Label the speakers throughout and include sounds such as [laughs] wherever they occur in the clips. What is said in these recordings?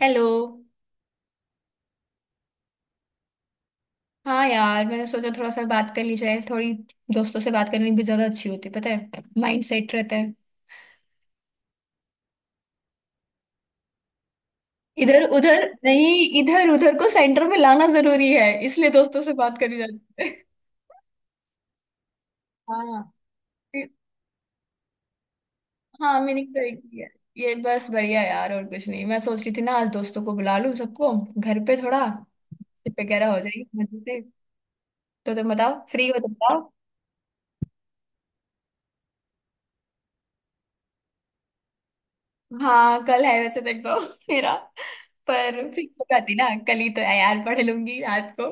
Speaker 1: Hello. हाँ यार मैंने सोचा थोड़ा सा बात कर ली जाए। थोड़ी दोस्तों से बात करनी भी ज्यादा अच्छी होती है, पता है, माइंड सेट रहता है। इधर उधर नहीं, इधर उधर को सेंटर में लाना जरूरी है, इसलिए दोस्तों से बात करी जाती है। हाँ ये- हाँ मैंने तो एक किया है। ये बस बढ़िया यार, और कुछ नहीं। मैं सोच रही थी ना, आज दोस्तों को बुला लूं सबको, घर पे थोड़ा वगैरह हो जाएगी मजे से। तो तुम बताओ, फ्री हो तो बताओ। हाँ कल है वैसे तक तो [laughs] मेरा। पर फिर तो कहती ना, कल ही तो है यार, पढ़ लूंगी रात को,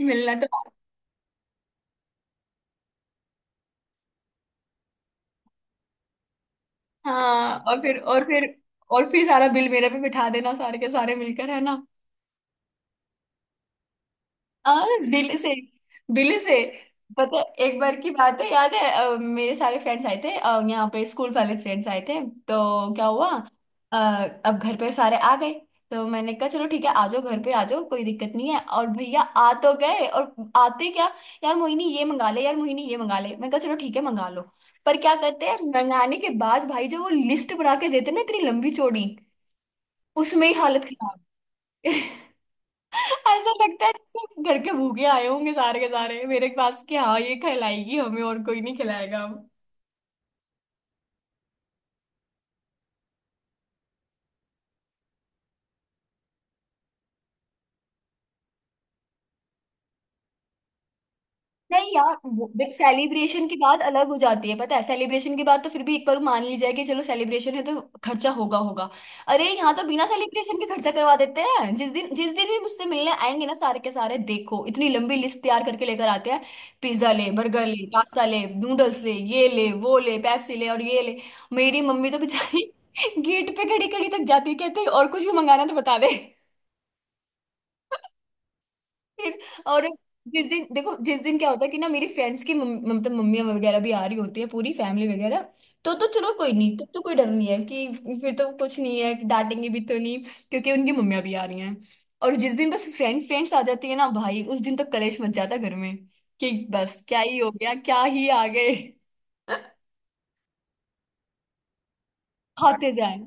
Speaker 1: मिलना तो। हाँ और फिर और फिर सारा बिल मेरे पे बिठा देना सारे के सारे मिलकर, है ना। हाँ दिल्ली से, दिल्ली से। पता है, एक बार की बात है, याद है, मेरे सारे फ्रेंड्स आए थे, यहाँ पे स्कूल वाले फ्रेंड्स आए थे, तो क्या हुआ। अ, अब घर पे सारे आ गए, तो मैंने कहा चलो ठीक है, आ जाओ घर पे, आ जाओ कोई दिक्कत नहीं है। और भैया आ तो गए, और आते क्या, यार मोहिनी ये मंगा ले, यार मोहिनी ये मंगा ले। मैंने कहा चलो ठीक है, मंगा लो। पर क्या करते हैं, मंगाने के बाद भाई जो वो लिस्ट बना के देते ना, इतनी लंबी चौड़ी, उसमें ही हालत खराब। [laughs] ऐसा लगता है जैसे घर के भूखे आए होंगे सारे के सारे मेरे पास कि हाँ ये खिलाएगी हमें, और कोई नहीं खिलाएगा अब। नहीं यार वो देख, सेलिब्रेशन की बात अलग हो जाती है, पता है। सेलिब्रेशन की बात तो फिर भी एक बार मान ली जाए कि चलो सेलिब्रेशन है तो खर्चा होगा, होगा। अरे यहाँ तो बिना सेलिब्रेशन के खर्चा करवा देते हैं। जिस दिन भी मुझसे मिलने आएंगे ना सारे के सारे, देखो इतनी लंबी लिस्ट तैयार करके लेकर आते हैं। पिज्जा ले, बर्गर ले, पास्ता ले, नूडल्स ले, ये ले, वो ले, पेप्सी ले, और ये ले। मेरी मम्मी तो बेचारी [laughs] गेट पे खड़ी खड़ी तक जाती है, कहती है, और कुछ भी मंगाना है तो बता दे। फिर। और जिस दिन देखो, जिस दिन क्या होता है कि ना, मेरी फ्रेंड्स की मतलब मम्मी वगैरह भी आ रही होती है, पूरी फैमिली वगैरह, तो चलो कोई नहीं, तब तो कोई डर नहीं है कि फिर तो कुछ नहीं है कि डांटेंगे भी तो नहीं, क्योंकि उनकी मम्मियाँ भी आ रही हैं। और जिस दिन बस फ्रेंड्स आ जाती है ना भाई, उस दिन तो कलेश मच जाता घर में, कि बस क्या ही हो गया, क्या ही आ गए। [laughs] खाते जाए।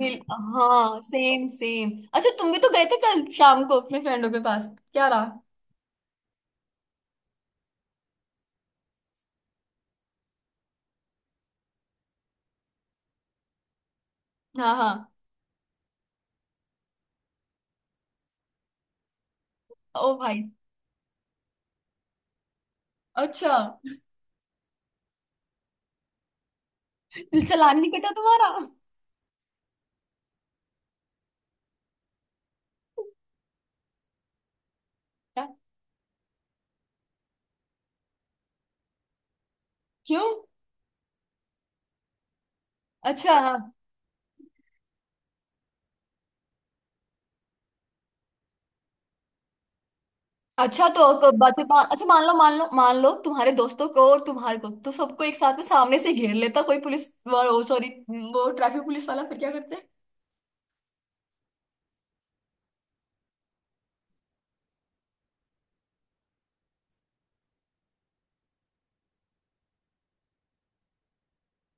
Speaker 1: हाँ सेम सेम। अच्छा तुम भी तो गए थे कल शाम को अपने फ्रेंडों के पास, क्या रहा। हाँ हाँ। ओ भाई। अच्छा, दिल चलान नहीं कटा तुम्हारा? क्या? क्यों? अच्छा, हाँ। अच्छा तो अच्छा, मान लो मान लो तुम्हारे दोस्तों को और तुम्हारे को तो सबको एक साथ में सामने से घेर लेता कोई पुलिस, वो सॉरी वो ट्रैफिक पुलिस वाला, फिर क्या करते।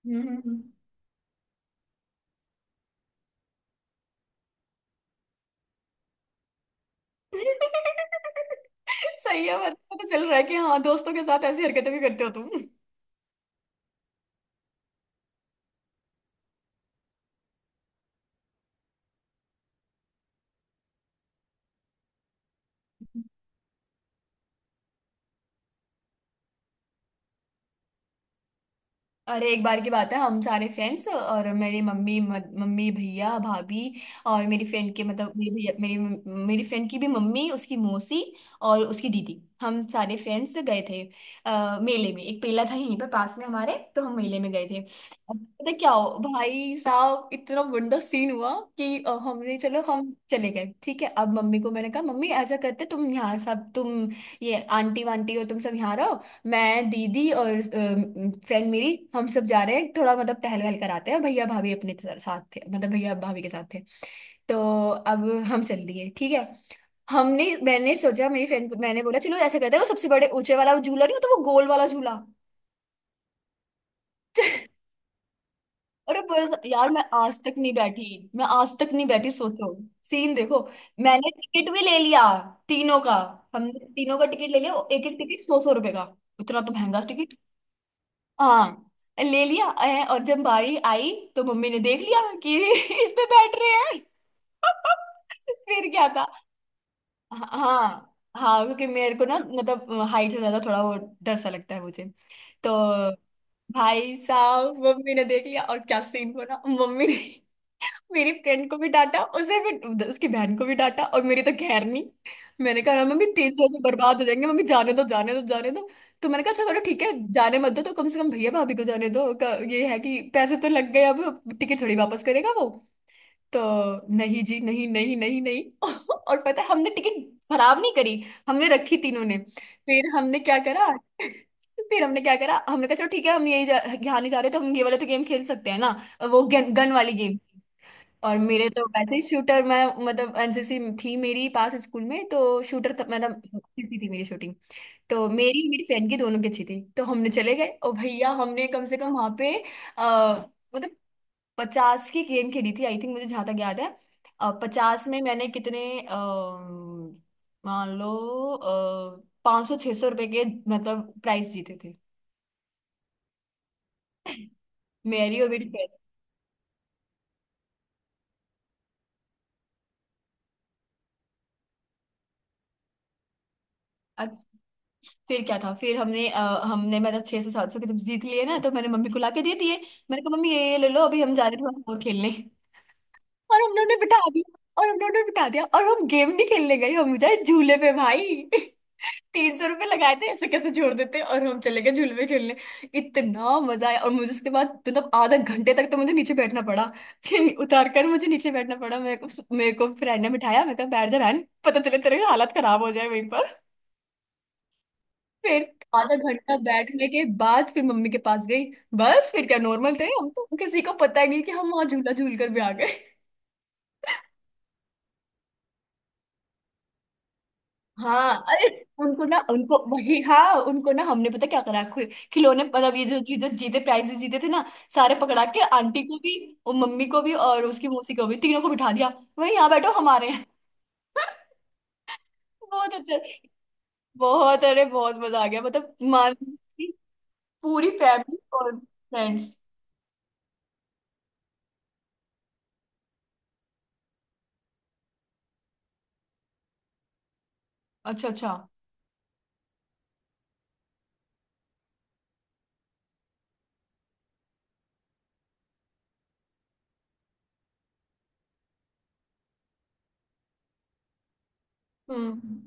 Speaker 1: हम्म हम्म, हम्म। [laughs] सही है, मतलब पता चल रहा है कि हाँ दोस्तों के साथ ऐसी हरकतें भी करते हो तुम। अरे एक बार की बात है, हम सारे फ्रेंड्स और मेरी मम्मी, मम्मी भैया भाभी, और मेरी फ्रेंड के मतलब मेरी भैया, मेरी मेरी फ्रेंड की भी मम्मी, उसकी मौसी, और उसकी दीदी, हम सारे फ्रेंड्स गए थे, मेले में। एक मेला था यहीं पर पास में हमारे, तो हम मेले में गए थे। अब पता क्या हो भाई साहब, इतना गंदा सीन हुआ कि हमने चलो हम चले गए, ठीक है। अब मम्मी को मैंने कहा, मम्मी ऐसा करते तुम यहाँ, सब तुम ये आंटी वांटी हो, तुम सब यहाँ रहो। मैं, दीदी, और फ्रेंड मेरी, हम सब जा रहे हैं, थोड़ा मतलब टहल वहल कराते हैं। भैया भाभी अपने साथ थे, मतलब भैया भाभी के साथ थे। तो अब हम चल दिए, ठीक है। हमने, मैंने सोचा, मेरी फ्रेंड को मैंने बोला, चलो ऐसा करते हैं, वो सबसे बड़े ऊंचे वाला, वो झूला नहीं होता, वो गोल वाला झूला। अरे बस यार, मैं आज तक नहीं बैठी, मैं आज तक नहीं बैठी, सोचो। सीन देखो, मैंने टिकट भी ले लिया, तीनों का। हमने तीनों का टिकट ले लिया, एक एक टिकट 100-100 रुपए का। इतना तो महंगा। हाँ, ले लिया, और जब बारी आई तो मम्मी ने देख लिया कि [laughs] इस पे बैठ रहे हैं। [laughs] फिर क्या था। हाँ हाँ, क्योंकि मेरे को ना मतलब हाइट से ज्यादा थोड़ा वो डर सा लगता है मुझे। तो भाई साहब मम्मी ने देख लिया, और क्या सीन बना मम्मी ने। मेरी फ्रेंड को भी डांटा, उसे भी, उसकी बहन को भी डांटा, और मेरी तो खैर नहीं। मैंने कहा ना मम्मी, तेज जोर में बर्बाद हो जाएंगे मम्मी, जाने दो, जाने दो, जाने दो। तो मैंने कहा अच्छा चलो ठीक है, जाने मत दो तो कम से कम भैया भाभी को जाने दो। ये है कि पैसे तो लग गए, अब टिकट थोड़ी वापस करेगा वो। तो नहीं जी, नहीं नहीं नहीं नहीं। [laughs] और पता है, हमने टिकट खराब नहीं करी, हमने रखी तीनों ने। फिर हमने क्या करा, [laughs] फिर हमने क्या करा, हमने कहा चलो ठीक है, हम यहाँ नहीं जा रहे तो हम ये वाले तो गेम खेल सकते हैं ना, वो गन वाली गेम। और मेरे तो वैसे ही शूटर, मैं मतलब एनसीसी थी मेरी पास स्कूल में, तो शूटर तो, मतलब अच्छी थी मेरी शूटिंग। तो मेरी, फ्रेंड की, दोनों की अच्छी थी, तो हमने चले गए, और भैया हमने कम से कम वहां पे आ, मतलब 50 की गेम खेली थी आई थिंक, मुझे जहां तक याद है। 50 में मैंने कितने, मान लो 500 600 रुपए के मतलब प्राइस जीते थे। [laughs] मेरी और मेरी फ्रेंड। फिर क्या था, फिर हमने, हमने मतलब 600 700 के जब जीत लिए ना तो मैंने मम्मी को लाके दे दिए। मैंने कहा मम्मी ये ले लो, अभी हम जा रहे हैं थोड़ा और खेलने। और हम लोगों ने बिठा दिया, और हम लोगों ने बिठा दिया। और हम गेम नहीं खेलने गए, हम जाए झूले पे भाई। [laughs] 300 रुपये लगाए थे, ऐसे कैसे छोड़ देते, और हम चले गए झूले पे खेलने। इतना मजा आया, और मुझे उसके बाद मतलब आधा घंटे तक तो मुझे नीचे बैठना पड़ा, [laughs] कि उतार कर मुझे नीचे बैठना पड़ा मेरे को। मेरे को फ्रेंड ने बिठाया, मैं कहा बैठ जा बहन, पता चले तेरे हालत खराब हो जाए वहीं। फिर आधा घंटा बैठने के बाद फिर मम्मी के पास गई। बस फिर क्या, नॉर्मल थे हम तो, किसी को पता ही नहीं कि हम वहां झूला झूल कर भी आ गए। हाँ अरे, उनको ना, उनको वही, हाँ उनको ना, हमने पता क्या करा, खिलौने मतलब ये जो जो जो जीते, प्राइजेस जीते थे ना, सारे पकड़ा के आंटी को भी, और मम्मी को भी, और उसकी मौसी को भी, तीनों को बिठा दिया, वही यहाँ बैठो हमारे यहाँ। [laughs] बहुत अच्छा, बहुत, अरे बहुत मजा आ गया मतलब मान, पूरी फैमिली और फ्रेंड्स। अच्छा अच्छा। हम्म।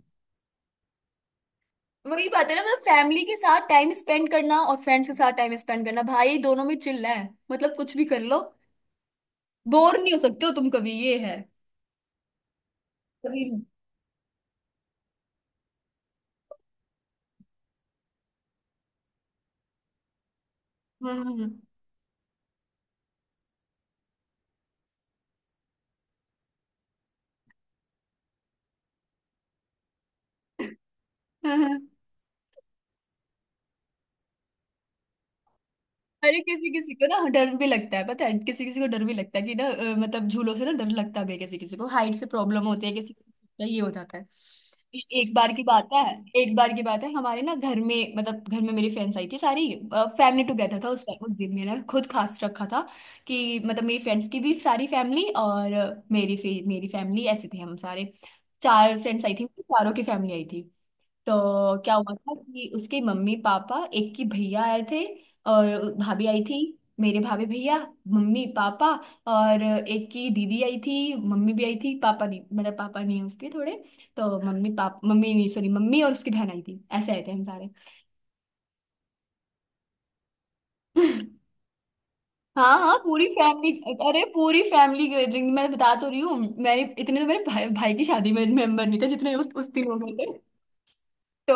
Speaker 1: वही बात है ना, मतलब फैमिली के साथ टाइम स्पेंड करना और फ्रेंड्स के साथ टाइम स्पेंड करना, भाई दोनों में चिल्ला है, मतलब कुछ भी कर लो, बोर नहीं हो सकते हो तुम कभी, ये है। कभी नहीं। हम्म हम्म, हम्म। अरे किसी किसी को ना डर भी लगता है, पता है, किसी किसी को डर भी लगता है कि ना, मतलब झूलों से ना डर लगता भी है किसी किसी को, हाइट से प्रॉब्लम होती है किसी को, ये हो जाता है। एक बार की बात है, एक बार की बात है, हमारे ना घर में, मतलब घर में मेरी फ्रेंड्स आई थी सारी, फैमिली टुगेदर था उस, दिन मैंने खुद खास रखा था कि मतलब मेरी फ्रेंड्स की भी सारी फैमिली, और मेरी मेरी फैमिली, ऐसे थे हम सारे। चार फ्रेंड्स आई थी, चारों की फैमिली आई थी। तो क्या हुआ था कि उसके मम्मी पापा, एक की भैया आए थे और भाभी आई थी, मेरे भाभी भैया, मम्मी पापा, और एक की दीदी आई थी, मम्मी भी आई थी, पापा नहीं, मतलब पापा नहीं है उसके थोड़े। तो मम्मी नहीं सॉरी, मम्मी और उसकी बहन आई थी, ऐसे आए थे हम सारे। हाँ हाँ पूरी फैमिली, अरे पूरी फैमिली गैदरिंग, मैं बता तो रही हूँ। मेरे इतने तो मेरे भाई की शादी में मेंबर नहीं थे जितने उस, दिन हो गए थे। तो,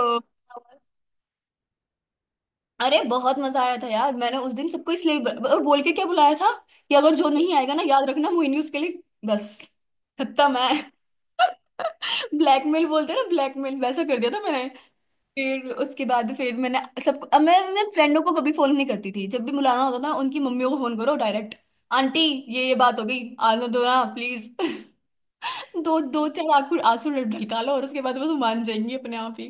Speaker 1: अरे बहुत मजा आया था यार। मैंने उस दिन सबको इसलिए और बोल के क्या बुलाया था, कि अगर जो नहीं आएगा ना याद रखना मोहिनी, उसके लिए बस खत्म है। [laughs] ब्लैकमेल बोलते हैं ना, ब्लैकमेल वैसा कर दिया था मैंने। फिर उसके बाद फिर मैंने सबको, अब मैं फ्रेंडों को कभी फोन नहीं करती थी, जब भी बुलाना होता था ना उनकी मम्मियों को फोन करो डायरेक्ट। आंटी, ये बात हो गई, आने दो ना प्लीज। [laughs] दो दो चार आंखों आंसू ढलका लो, और उसके बाद बस वो मान जाएंगी अपने आप ही।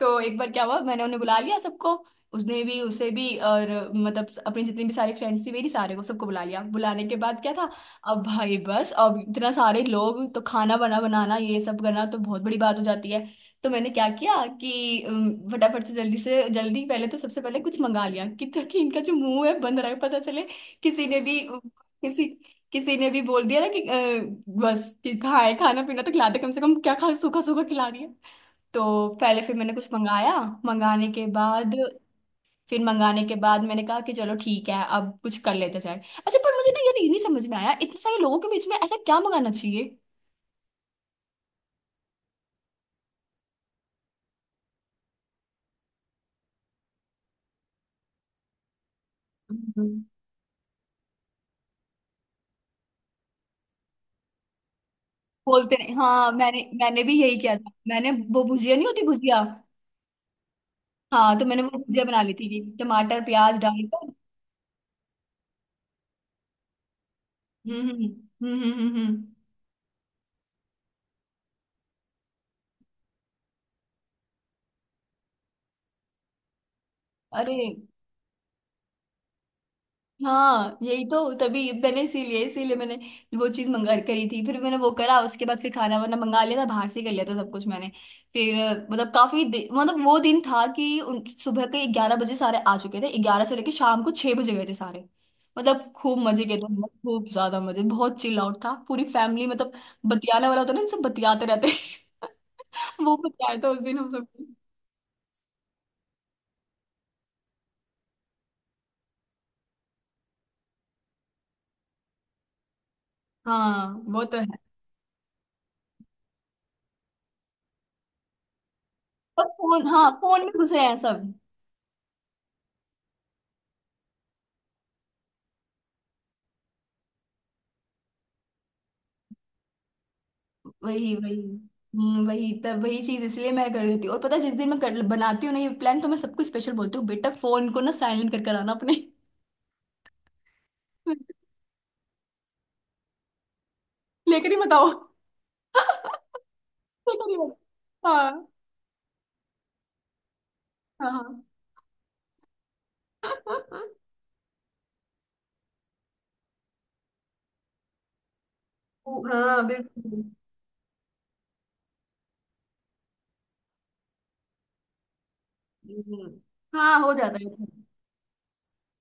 Speaker 1: तो एक बार क्या हुआ, मैंने उन्हें बुला लिया सबको, उसने भी, उसे भी, और मतलब अपनी जितनी भी सारी फ्रेंड्स थी मेरी सारे को, सबको बुला लिया। बुलाने के बाद क्या था, अब भाई बस, अब इतना सारे लोग तो खाना बना बनाना ये सब करना तो बहुत बड़ी बात हो जाती है। तो मैंने क्या किया कि फटाफट से जल्दी पहले तो सबसे पहले कुछ मंगा लिया, कि ताकि इनका जो मुंह है बंद रहे, पता चले। किसी ने भी किसी किसी ने भी बोल दिया ना कि बस कि खाए, खाना पीना तो खिला दे कम से कम, क्या खा सूखा सूखा खिला रही है। तो पहले फिर मैंने कुछ मंगाया। मंगाने के बाद, फिर मंगाने के बाद मैंने कहा कि चलो ठीक है, अब कुछ कर लेते जाए। अच्छा पर मुझे ना ये नहीं समझ में आया, इतने सारे लोगों के बीच में ऐसा क्या मंगाना चाहिए। हम्म। बोलते नहीं, हाँ मैंने, भी यही किया था, मैंने वो भुजिया नहीं होती, भुजिया, हाँ। तो मैंने वो भुजिया बना ली थी, टमाटर प्याज डालकर। हम्म हम्म हम्म हम्म हम्म हम्म। अरे हाँ, यही तो तभी मैंने, इसीलिए इसीलिए मैंने वो चीज़ मंगा करी थी, फिर मैंने वो करा। उसके बाद फिर खाना वाना मंगा लिया था बाहर से, कर लिया था सब कुछ मैंने। फिर मतलब काफी मतलब वो दिन था कि सुबह के 11 बजे सारे आ चुके थे, 11 से लेके शाम को 6 बजे गए थे सारे। मतलब खूब मजे किए थे हमने, खूब ज्यादा मजे, बहुत चिल आउट था, पूरी फैमिली मतलब बतियाने वाला होता है ना, सब बतियाते रहते हैं। [laughs] वो बतियाया था उस दिन हम सब। हाँ वो तो है। सब फोन, हाँ फोन में घुसे हैं सब। वही वही। वही तब, वही चीज इसलिए मैं कर देती हूँ। और पता है जिस दिन मैं बनाती हूँ ना ये प्लान, तो मैं सबको स्पेशल बोलती हूँ, बेटा फोन को ना साइलेंट कर कर आना अपने। [laughs] लेकर ही बताओ। [laughs] लेकर ही बताओ। हाँ हाँ हाँ। [laughs] ओ, हाँ, बिल्कुल। हम्म, हाँ हो जाता है।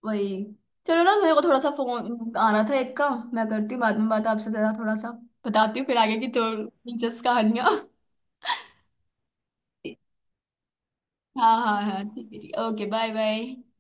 Speaker 1: वही। चलो ना, मेरे को थोड़ा सा फोन आना था एक का, मैं करती हूँ बाद में बात आपसे जरा थोड़ा सा, बताती हूँ फिर आगे की तो दिलचस्प कहानियाँ। [laughs] हाँ हाँ हाँ, ठीक है ठीक है, ओके, बाय बाय।